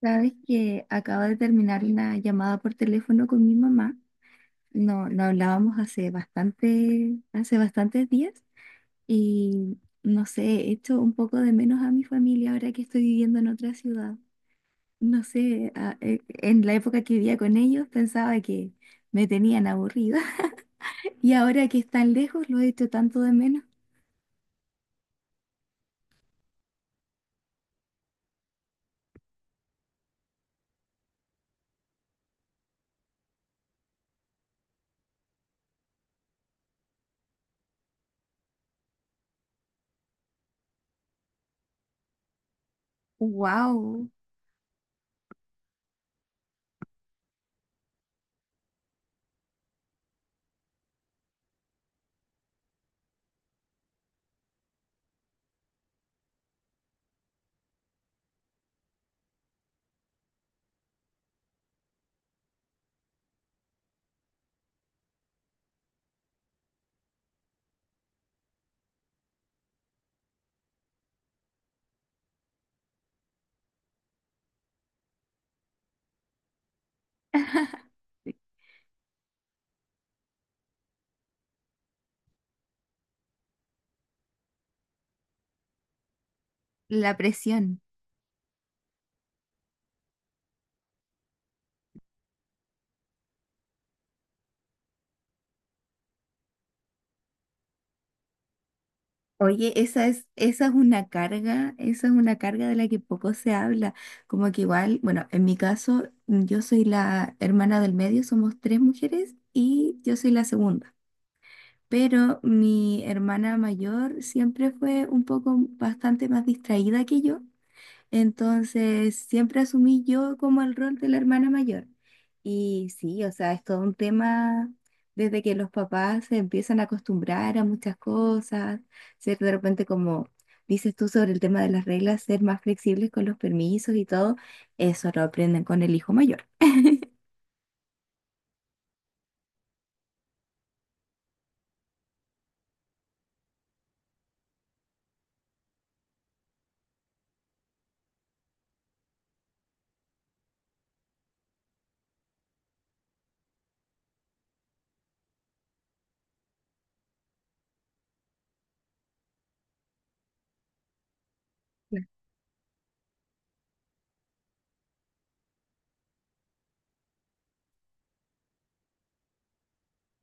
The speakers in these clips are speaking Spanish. Sabes que acabo de terminar una llamada por teléfono con mi mamá. No, no hablábamos hace bastante, hace bastantes días y no sé, he hecho un poco de menos a mi familia ahora que estoy viviendo en otra ciudad. No sé, en la época que vivía con ellos pensaba que me tenían aburrida y ahora que están lejos lo he hecho tanto de menos. ¡Wow! La presión. Oye, esa es una carga, esa es una carga de la que poco se habla. Como que igual, bueno, en mi caso, yo soy la hermana del medio, somos tres mujeres y yo soy la segunda. Pero mi hermana mayor siempre fue un poco bastante más distraída que yo. Entonces, siempre asumí yo como el rol de la hermana mayor. Y sí, o sea, es todo un tema desde que los papás se empiezan a acostumbrar a muchas cosas, ser de repente como dices tú sobre el tema de las reglas, ser más flexibles con los permisos y todo, eso lo aprenden con el hijo mayor.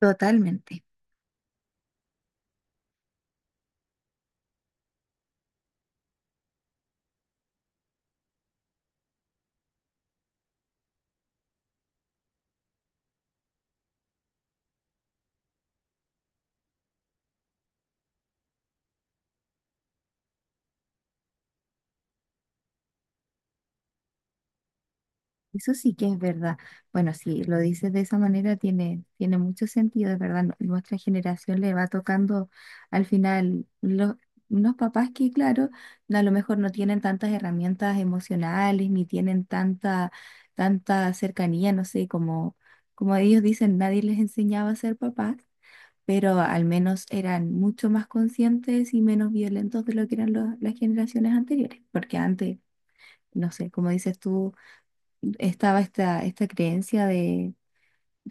Totalmente. Eso sí que es verdad. Bueno, si lo dices de esa manera, tiene mucho sentido, es verdad. Nuestra generación le va tocando al final los, unos papás que, claro, no, a lo mejor no tienen tantas herramientas emocionales, ni tienen tanta cercanía, no sé, como, como ellos dicen, nadie les enseñaba a ser papás, pero al menos eran mucho más conscientes y menos violentos de lo que eran los- las generaciones anteriores, porque antes, no sé, como dices tú estaba esta creencia de,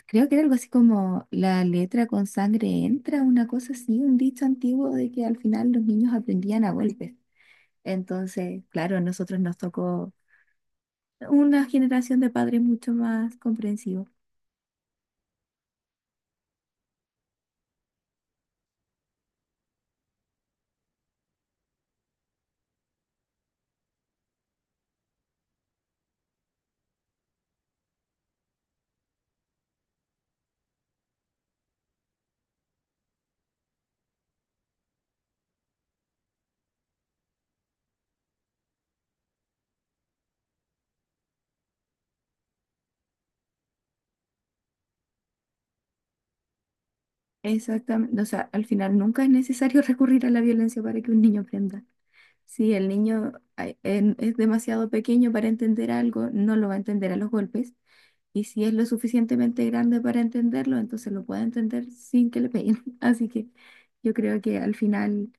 creo que era algo así como la letra con sangre entra, una cosa así, un dicho antiguo de que al final los niños aprendían a golpes. Entonces, claro, a nosotros nos tocó una generación de padres mucho más comprensivos. Exactamente, o sea, al final nunca es necesario recurrir a la violencia para que un niño aprenda. Si el niño ay, en- es demasiado pequeño para entender algo, no lo va a entender a los golpes. Y si es lo suficientemente grande para entenderlo, entonces lo puede entender sin que le peguen. Así que yo creo que al final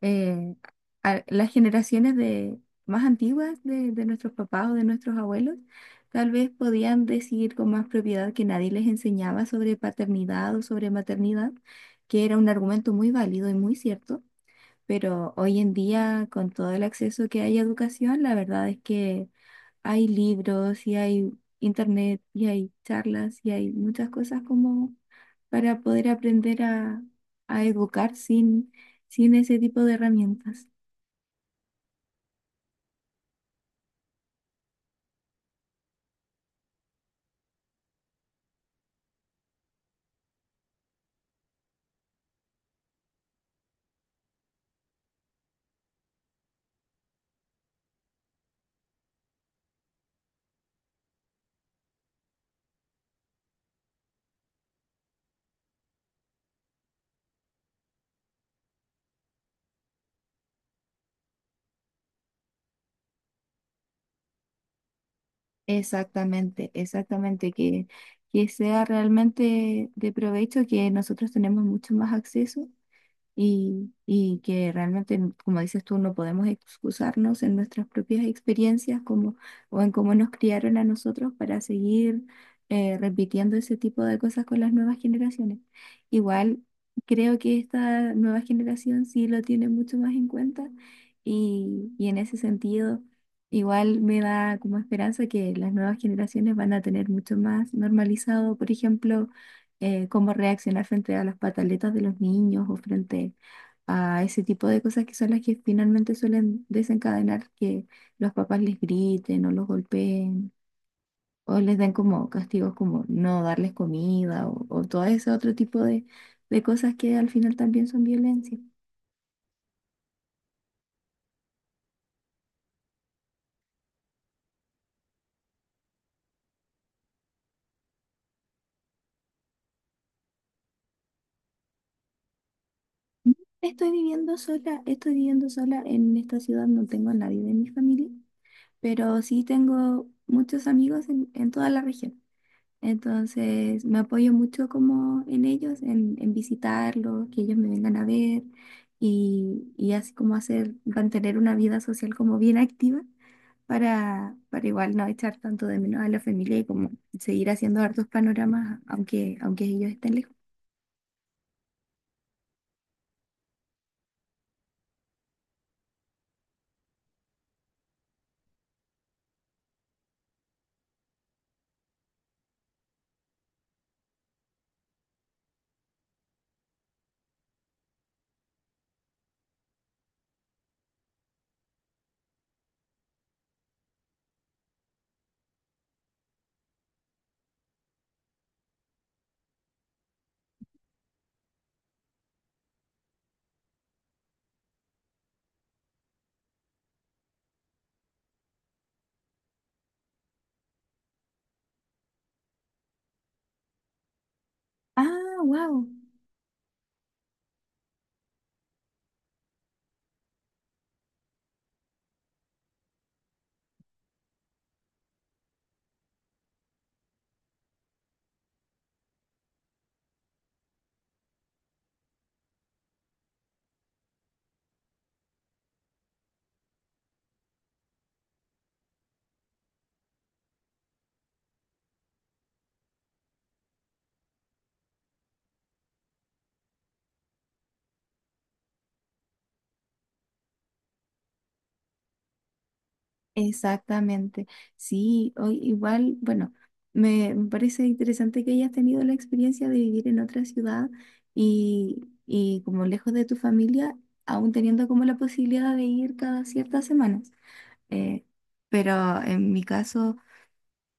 eh, a- las generaciones de, más antiguas de nuestros papás o de nuestros abuelos tal vez podían decir con más propiedad que nadie les enseñaba sobre paternidad o sobre maternidad, que era un argumento muy válido y muy cierto, pero hoy en día, con todo el acceso que hay a educación, la verdad es que hay libros y hay internet y hay charlas y hay muchas cosas como para poder aprender a educar sin ese tipo de herramientas. Exactamente, exactamente, que, sea realmente de provecho, que nosotros tenemos mucho más acceso y que realmente, como dices tú, no podemos excusarnos en nuestras propias experiencias como, o en cómo nos criaron a nosotros para seguir repitiendo ese tipo de cosas con las nuevas generaciones. Igual creo que esta nueva generación sí lo tiene mucho más en cuenta y en ese sentido... Igual me da como esperanza que las nuevas generaciones van a tener mucho más normalizado, por ejemplo, cómo reaccionar frente a las pataletas de los niños o frente a ese tipo de cosas que son las que finalmente suelen desencadenar que los papás les griten o los golpeen o les den como castigos como no darles comida o todo ese otro tipo de cosas que al final también son violencia. Estoy viviendo sola en esta ciudad, no tengo a nadie de mi familia, pero sí tengo muchos amigos en, toda la región. Entonces me apoyo mucho como en ellos, en visitarlos, que ellos me vengan a ver y así como hacer, mantener una vida social como bien activa para, igual no echar tanto de menos a la familia y como seguir haciendo hartos panoramas aunque ellos estén lejos. Ah, wow. Exactamente. Sí, hoy igual, bueno, me parece interesante que hayas tenido la experiencia de vivir en otra ciudad y, y como lejos de tu familia, aún teniendo como la posibilidad de ir cada ciertas semanas. Eh, pero en mi caso,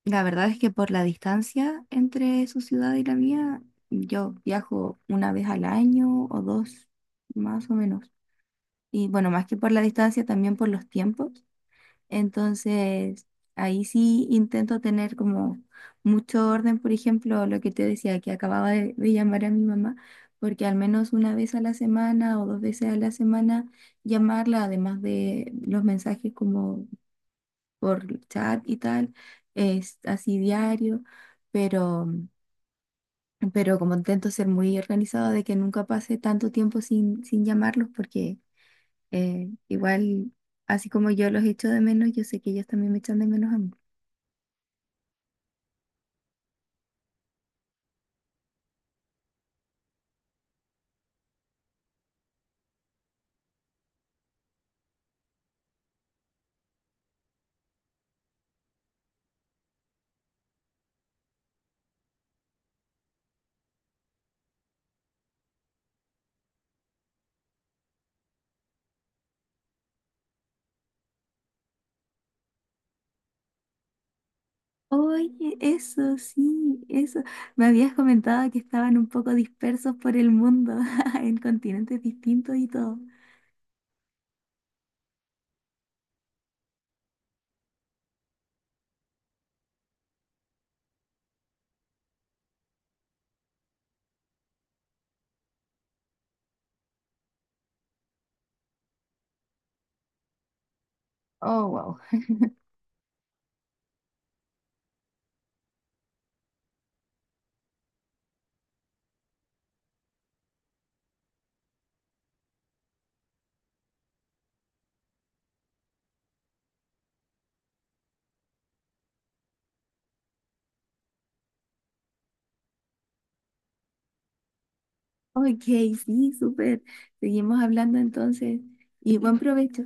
la verdad es que por la distancia entre su ciudad y la mía, yo viajo una vez al año o dos, más o menos. Y bueno, más que por la distancia, también por los tiempos. Entonces, ahí sí intento tener como mucho orden, por ejemplo, lo que te decía, que acababa de llamar a mi mamá, porque al menos una vez a la semana o dos veces a la semana llamarla, además de los mensajes como por chat y tal, es así diario, pero, pero, como intento ser muy organizado de que nunca pase tanto tiempo sin llamarlos, porque igual, así como yo los echo de menos, yo sé que ellos también me echan de menos a mí. Oye, eso sí, eso. Me habías comentado que estaban un poco dispersos por el mundo, en continentes distintos y todo. Oh, wow. Ok, sí, súper. Seguimos hablando entonces y buen provecho.